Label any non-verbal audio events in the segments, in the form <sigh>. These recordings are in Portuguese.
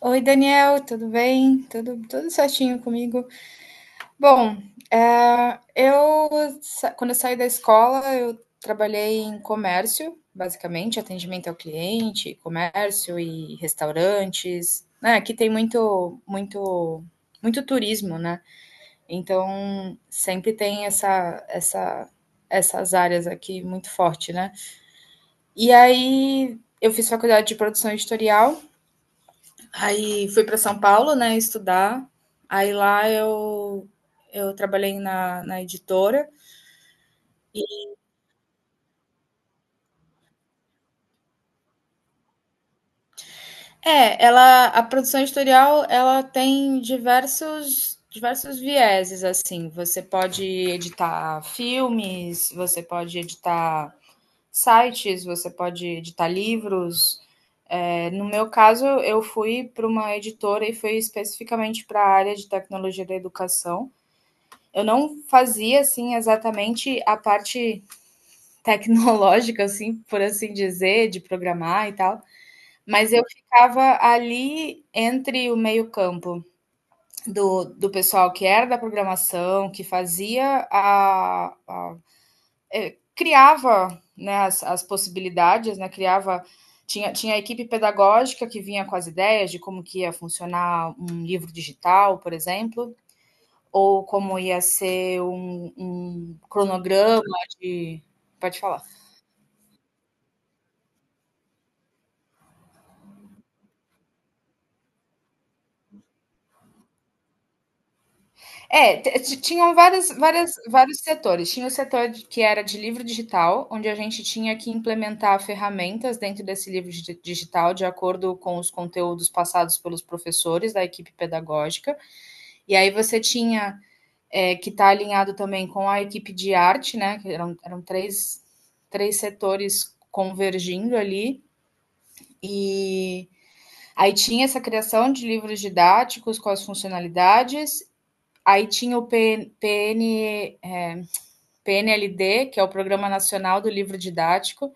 Oi, Daniel, tudo bem? Tudo certinho comigo? Bom, eu quando eu saí da escola, eu trabalhei em comércio, basicamente, atendimento ao cliente, comércio e restaurantes, né? Aqui tem muito, muito, muito turismo, né? Então sempre tem essas áreas aqui muito forte, né? E aí eu fiz faculdade de produção editorial. Aí fui para São Paulo, né, estudar. Aí lá eu trabalhei na editora. Ela a produção editorial, ela tem diversos vieses assim. Você pode editar filmes, você pode editar sites, você pode editar livros. No meu caso, eu fui para uma editora e fui especificamente para a área de tecnologia da educação. Eu não fazia assim exatamente a parte tecnológica, <laughs> assim, por assim dizer, de programar e tal, mas eu ficava ali entre o meio-campo do pessoal que era da programação, que fazia criava né, as possibilidades, né? Criava. Tinha a equipe pedagógica que vinha com as ideias de como que ia funcionar um livro digital, por exemplo, ou como ia ser um, um cronograma de. Pode falar. T t tinham várias várias vários setores. Tinha o setor de que era de livro digital, onde a gente tinha que implementar ferramentas dentro desse livro di digital, de acordo com os conteúdos passados pelos professores da equipe pedagógica. E aí você tinha, que estar alinhado também com a equipe de arte, né, que eram três setores convergindo ali. E aí tinha essa criação de livros didáticos com as funcionalidades, aí tinha o P n PNLD, que é o Programa Nacional do Livro Didático,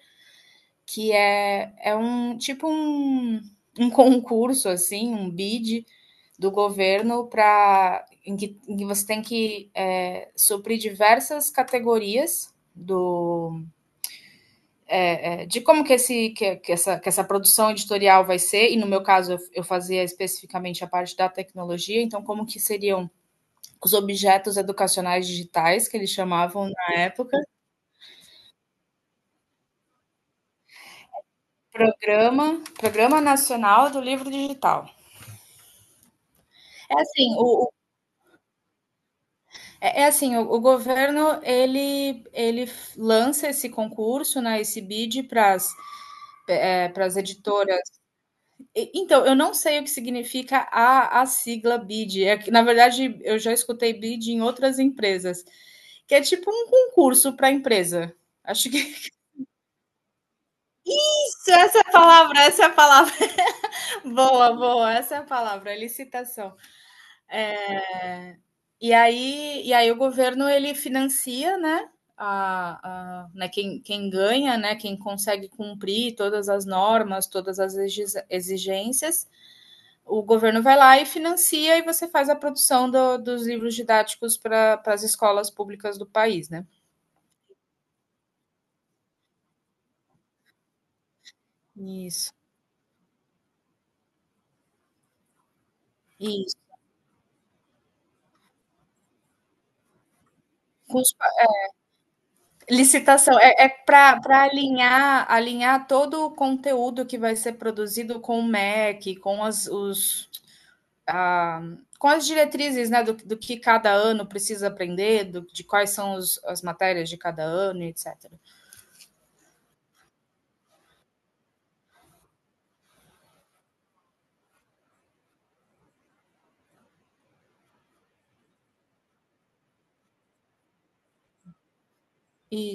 que é um tipo um, um concurso, assim, um bid do governo para que, você tem que suprir diversas categorias do de como que, esse, que essa produção editorial vai ser, e no meu caso eu fazia especificamente a parte da tecnologia, então como que seriam os objetos educacionais digitais que eles chamavam na época. Programa Nacional do Livro Digital. É assim, é assim, o governo ele lança esse concurso, né, esse bid para as editoras. Então, eu não sei o que significa a sigla bid. É que, na verdade, eu já escutei bid em outras empresas, que é tipo um concurso para empresa. Acho que <laughs> essa é a palavra, essa é a palavra. Boa, boa, essa é a palavra, licitação. E aí o governo ele financia, né? Né quem ganha, né? Quem consegue cumprir todas as normas, todas as exigências, o governo vai lá e financia e você faz a produção dos livros didáticos para as escolas públicas do país, né? Isso, isso. Com os, licitação é para alinhar todo o conteúdo que vai ser produzido com o MEC, a, com as diretrizes né, do que cada ano precisa aprender, de quais são as matérias de cada ano, etc.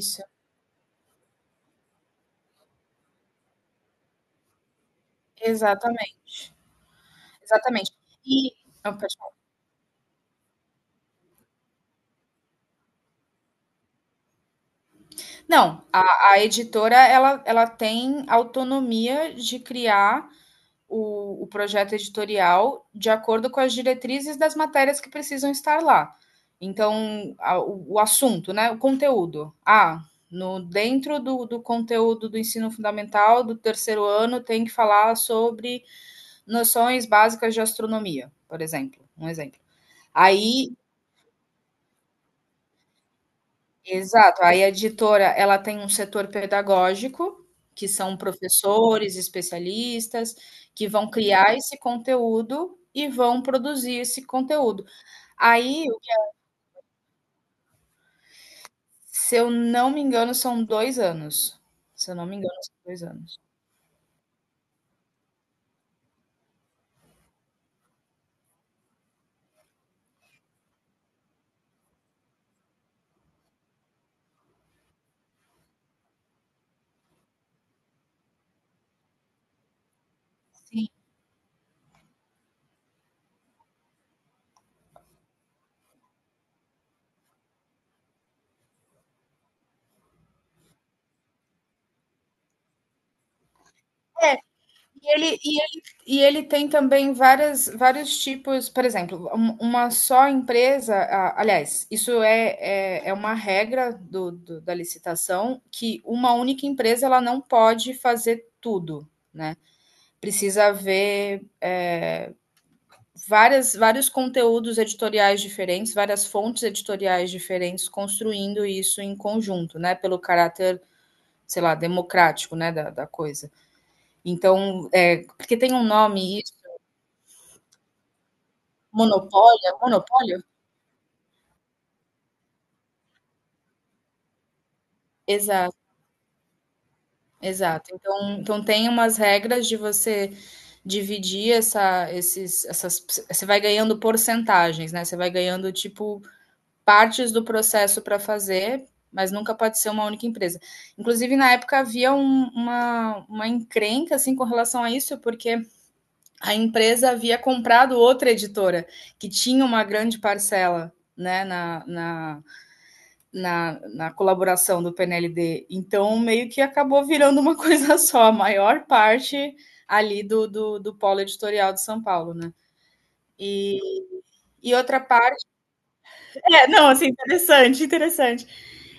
Isso, exatamente. Exatamente. E. Não, pode falar. Não, a editora ela, ela tem autonomia de criar o projeto editorial de acordo com as diretrizes das matérias que precisam estar lá. Então, o assunto, né? O conteúdo. Ah, no, dentro do conteúdo do ensino fundamental do terceiro ano tem que falar sobre noções básicas de astronomia, por exemplo. Um exemplo. Aí Exato, aí a editora, ela tem um setor pedagógico, que são professores, especialistas, que vão criar esse conteúdo e vão produzir esse conteúdo. Aí, se eu não me engano, são 2 anos. Se eu não me engano, são 2 anos. Sim. E ele tem também vários tipos, por exemplo, uma só empresa, aliás, isso é uma regra da licitação, que uma única empresa ela não pode fazer tudo, né? Precisa haver vários conteúdos editoriais diferentes, várias fontes editoriais diferentes construindo isso em conjunto, né? Pelo caráter, sei lá, democrático, né, da coisa. Então, porque tem um nome. Monopólio? Monopólio? Exato, exato. Então tem umas regras de você dividir essas você vai ganhando porcentagens, né, você vai ganhando, tipo, partes do processo para fazer, mas nunca pode ser uma única empresa. Inclusive, na época havia uma encrenca assim com relação a isso, porque a empresa havia comprado outra editora que tinha uma grande parcela né, na colaboração do PNLD. Então, meio que acabou virando uma <laughs> coisa só, a maior parte ali do polo editorial de São Paulo, né? E, e outra parte. Não, assim, interessante, interessante.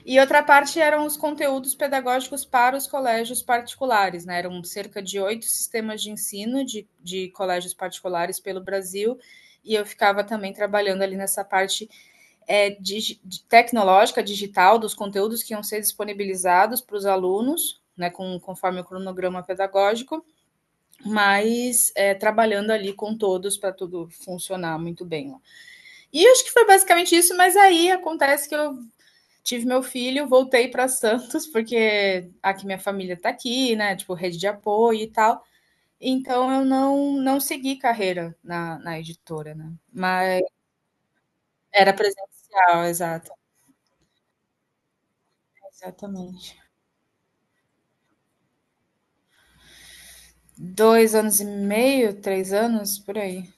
E outra parte eram os conteúdos pedagógicos para os colégios particulares, né? Eram cerca de oito sistemas de ensino de colégios particulares pelo Brasil, e eu ficava também trabalhando ali nessa parte é, dig, tecnológica, digital, dos conteúdos que iam ser disponibilizados para os alunos, né, conforme o cronograma pedagógico, mas trabalhando ali com todos para tudo funcionar muito bem. E acho que foi basicamente isso, mas aí acontece que eu tive meu filho, voltei para Santos, porque aqui minha família está aqui, né, tipo, rede de apoio e tal. Então eu não segui carreira na editora, né? Mas era presencial, exato. Exatamente. 2 anos e meio, 3 anos, por aí.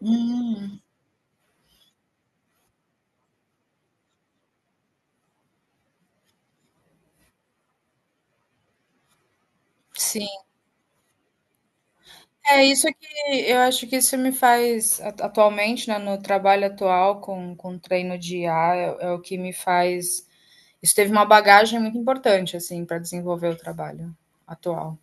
Hum, sim. É isso que eu acho que isso me faz atualmente, né, no trabalho atual com treino de IA, é o que me faz. Isso teve uma bagagem muito importante, assim, para desenvolver o trabalho atual.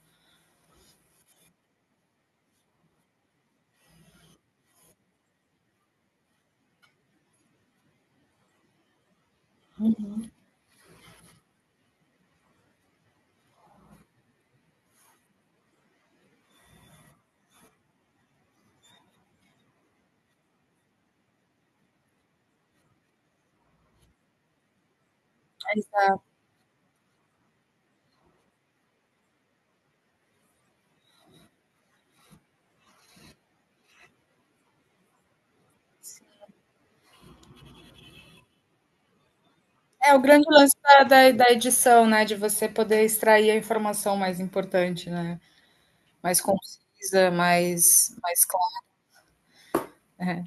É o grande lance da edição, né? De você poder extrair a informação mais importante, né? Mais concisa, mais clara. É.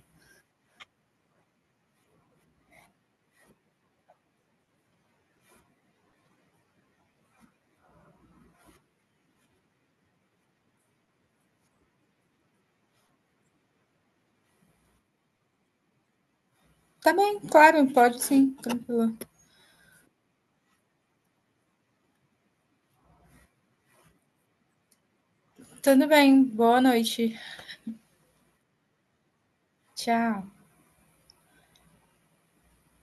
Tá bem, claro, pode sim, tranquilo. Tudo bem, boa noite. Tchau.